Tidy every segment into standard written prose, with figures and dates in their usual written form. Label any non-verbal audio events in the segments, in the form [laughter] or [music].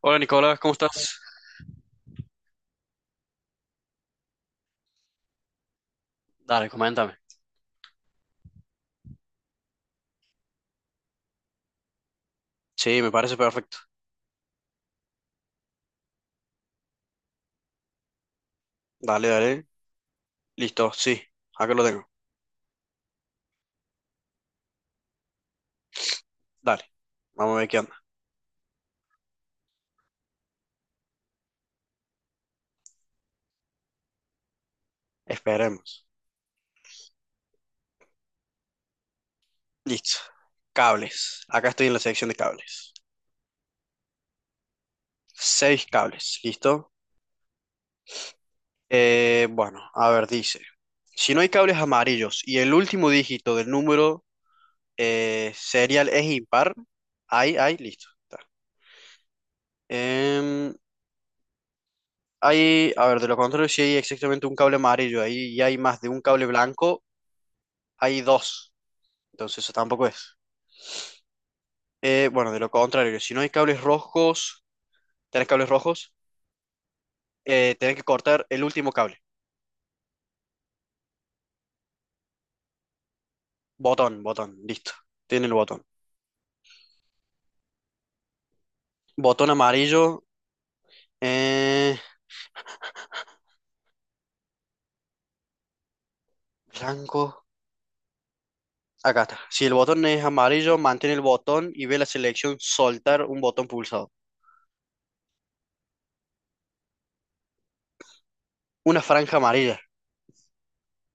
Hola Nicolás, ¿cómo estás? Dale, coméntame. Sí, me parece perfecto. Dale, dale. Listo, sí, acá lo tengo. Dale, vamos a ver qué onda. Esperemos. Listo. Cables. Acá estoy en la sección de cables. Seis cables, ¿listo? Bueno, a ver, dice. Si no hay cables amarillos y el último dígito del número serial es impar, hay, listo. Está. Em, hay, a ver, de lo contrario, si hay exactamente un cable amarillo ahí y hay más de un cable blanco, hay dos. Entonces eso tampoco es. Bueno, de lo contrario, si no hay cables rojos, tenés que cortar el último cable. Botón, botón, listo. Tiene el botón. Botón amarillo, eh, blanco. Acá está. Si el botón es amarillo, mantén el botón y ve la selección soltar un botón pulsado. Una franja amarilla.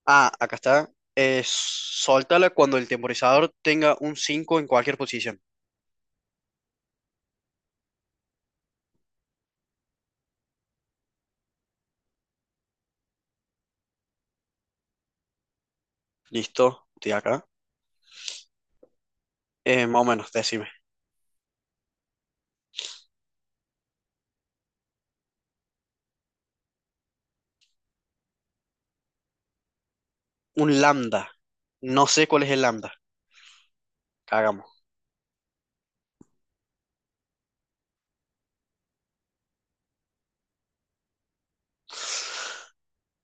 Ah, acá está. Soltala cuando el temporizador tenga un 5 en cualquier posición. Listo, estoy acá. Más o menos, decime. Un lambda. No sé cuál es el lambda. Cagamos.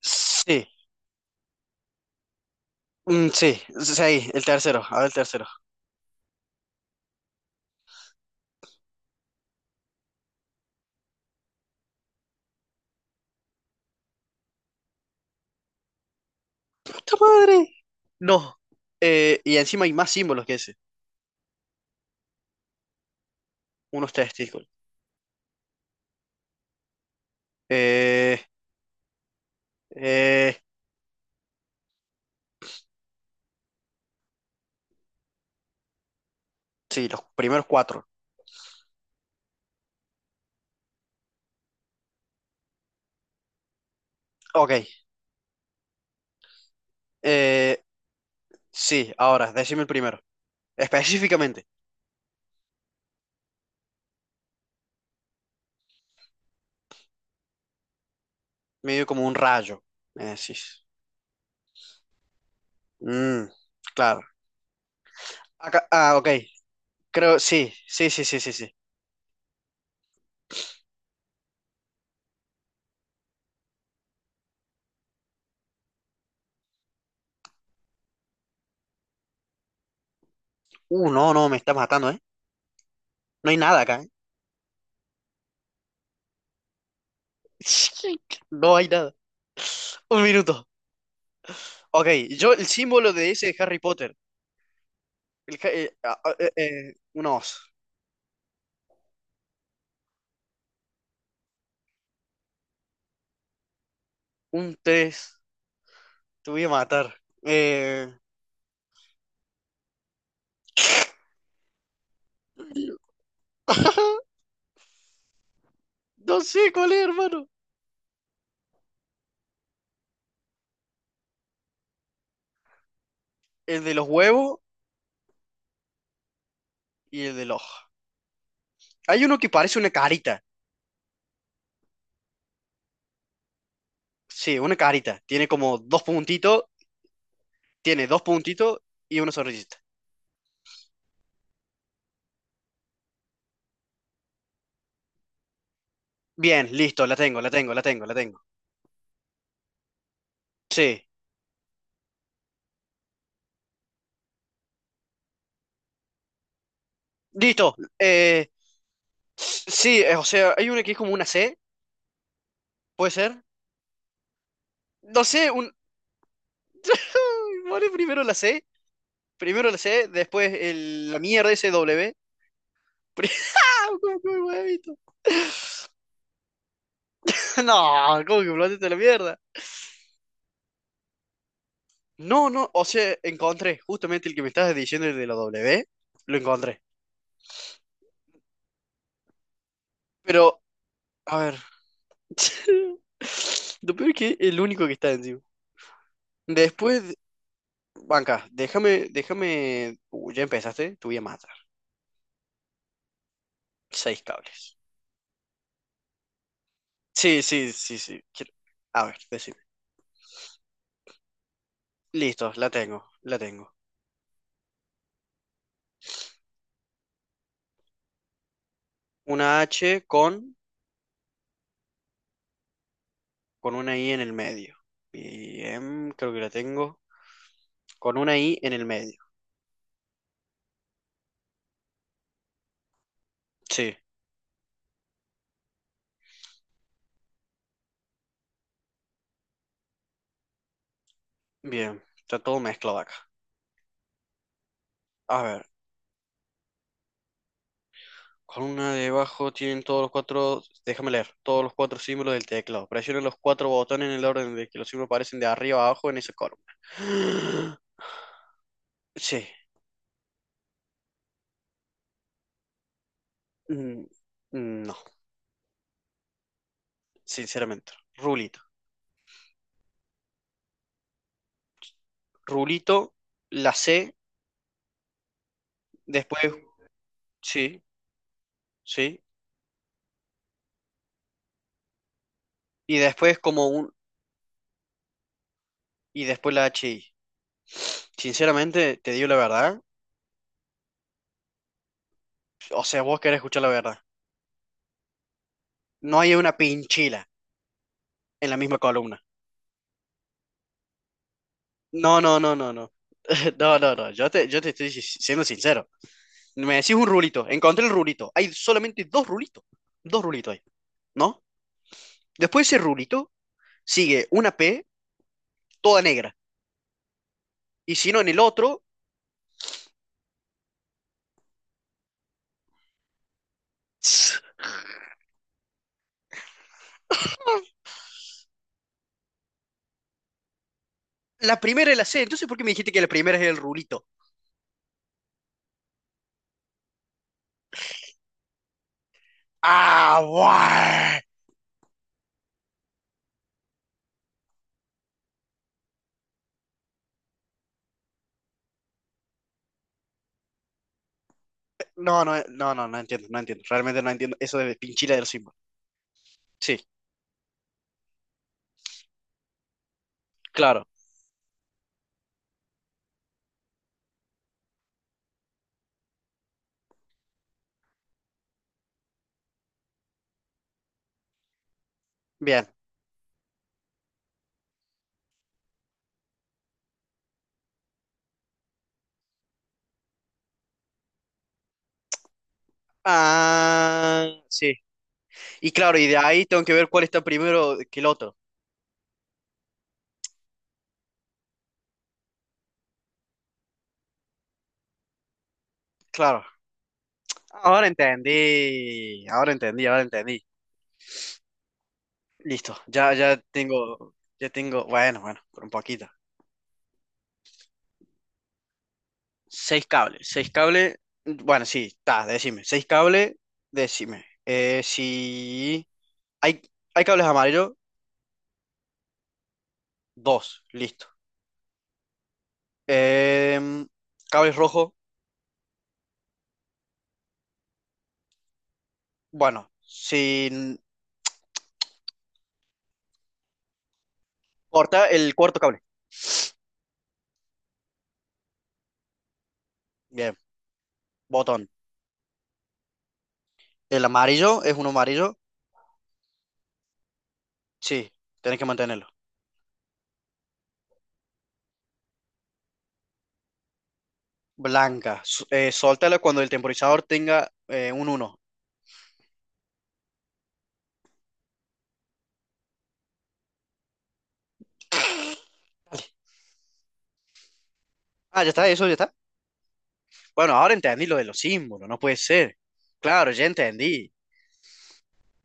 Sí, sí, sí, ahí, el tercero. A ver, el tercero. ¡Puta madre! No. Y encima hay más símbolos que ese. Unos testículos. Eh, eh, sí, los primeros cuatro. Ok. Eh, sí, ahora, decime el primero. Específicamente, medio como un rayo. Me decís. Mm, claro. Acá, ah, ok. Creo, sí, sí, sí, sí, sí, sí. No, no, me está matando, ¿eh? No hay nada acá, ¿eh? [laughs] No hay nada. Un minuto. Ok, yo el símbolo de ese de Harry Potter. El, ah, ah, un os. Un tres. Te voy a matar. Eh, [laughs] no sé cuál es, hermano. El de los huevos y el del ojo. Hay uno que parece una carita. Sí, una carita. Tiene como dos puntitos. Tiene dos puntitos y una sonrisita. Bien, listo, la tengo, la tengo, la tengo, la tengo. Sí, listo. Sí, o sea, hay una que es como una C, ¿puede ser? No sé, un. [laughs] Vale, primero la C, después la mierda ese W SW. [laughs] ¿Cómo que huevito? [laughs] No, ¿cómo que plantaste la mierda? No, no, o sea, encontré justamente el que me estabas diciendo, el de la W, lo encontré. Pero, a ver. [laughs] Lo peor es que es el único que está encima. Después, banca, déjame, déjame. Ya empezaste, te voy a matar. Seis cables. Sí, sí, sí, sí. A ver, decime. Listo, la tengo, la tengo. Una H con una I en el medio. Bien, creo que la tengo. Con una I en el medio. Sí, bien. Está todo mezclado acá. A ver, con una debajo tienen todos los cuatro. Déjame leer. Todos los cuatro símbolos del teclado. Presiona los cuatro botones en el orden de que los símbolos aparecen de arriba a abajo en esa columna. [gasps] Sí. mm, No, sinceramente. Rulito. Rulito, la C, después. Sí, sí. Y después como un. Y después la HI. Sinceramente, te digo la verdad. O sea, vos querés escuchar la verdad. No hay una pinchila en la misma columna. No, no, no, no, no. [laughs] No, no, no. Yo te estoy siendo sincero. Me decís un rulito. Encontré el rulito. Hay solamente dos rulitos. Dos rulitos hay. ¿No? Después de ese rulito sigue una P toda negra. Y si no, en el otro. [laughs] La primera es la C. Entonces, ¿por qué me dijiste que la primera es el rulito? Ah, guay. No, no, no, no, no entiendo, no entiendo. Realmente no entiendo eso de Pinchila del símbolo. Sí, claro. Bien. Ah, sí. Y claro, y de ahí tengo que ver cuál está primero que el otro. Claro. Ahora entendí. Ahora entendí, ahora entendí. Listo. Ya, ya tengo, bueno, bueno, por un poquito. Seis cables, seis cables. Bueno, sí, está, decime. Seis cables, decime. Si hay, hay cables amarillos, dos, listo. Em, cables rojos. Bueno, si corta el cuarto cable. Bien, botón. El amarillo es uno amarillo. Sí, tenés que mantenerlo. Blanca, suéltala cuando el temporizador tenga un uno. Ah, ya está, eso ya está. Bueno, ahora entendí lo de los símbolos, no puede ser. Claro, ya entendí.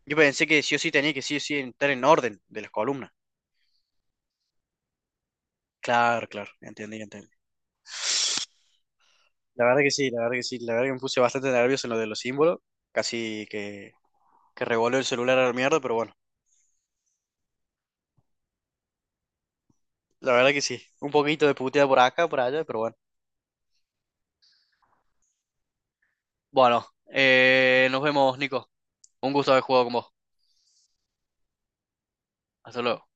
Yo pensé que sí o sí tenía que sí o sí entrar en orden de las columnas. Claro, claro, entendí, entendí. La verdad que sí, la verdad que sí, la verdad que me puse bastante nervioso en lo de los símbolos. Casi que revolvió el celular a la mierda, pero bueno. La verdad que sí. Un poquito de puteada por acá, por allá, pero bueno. Bueno, nos vemos, Nico. Un gusto haber jugado con vos. Hasta luego.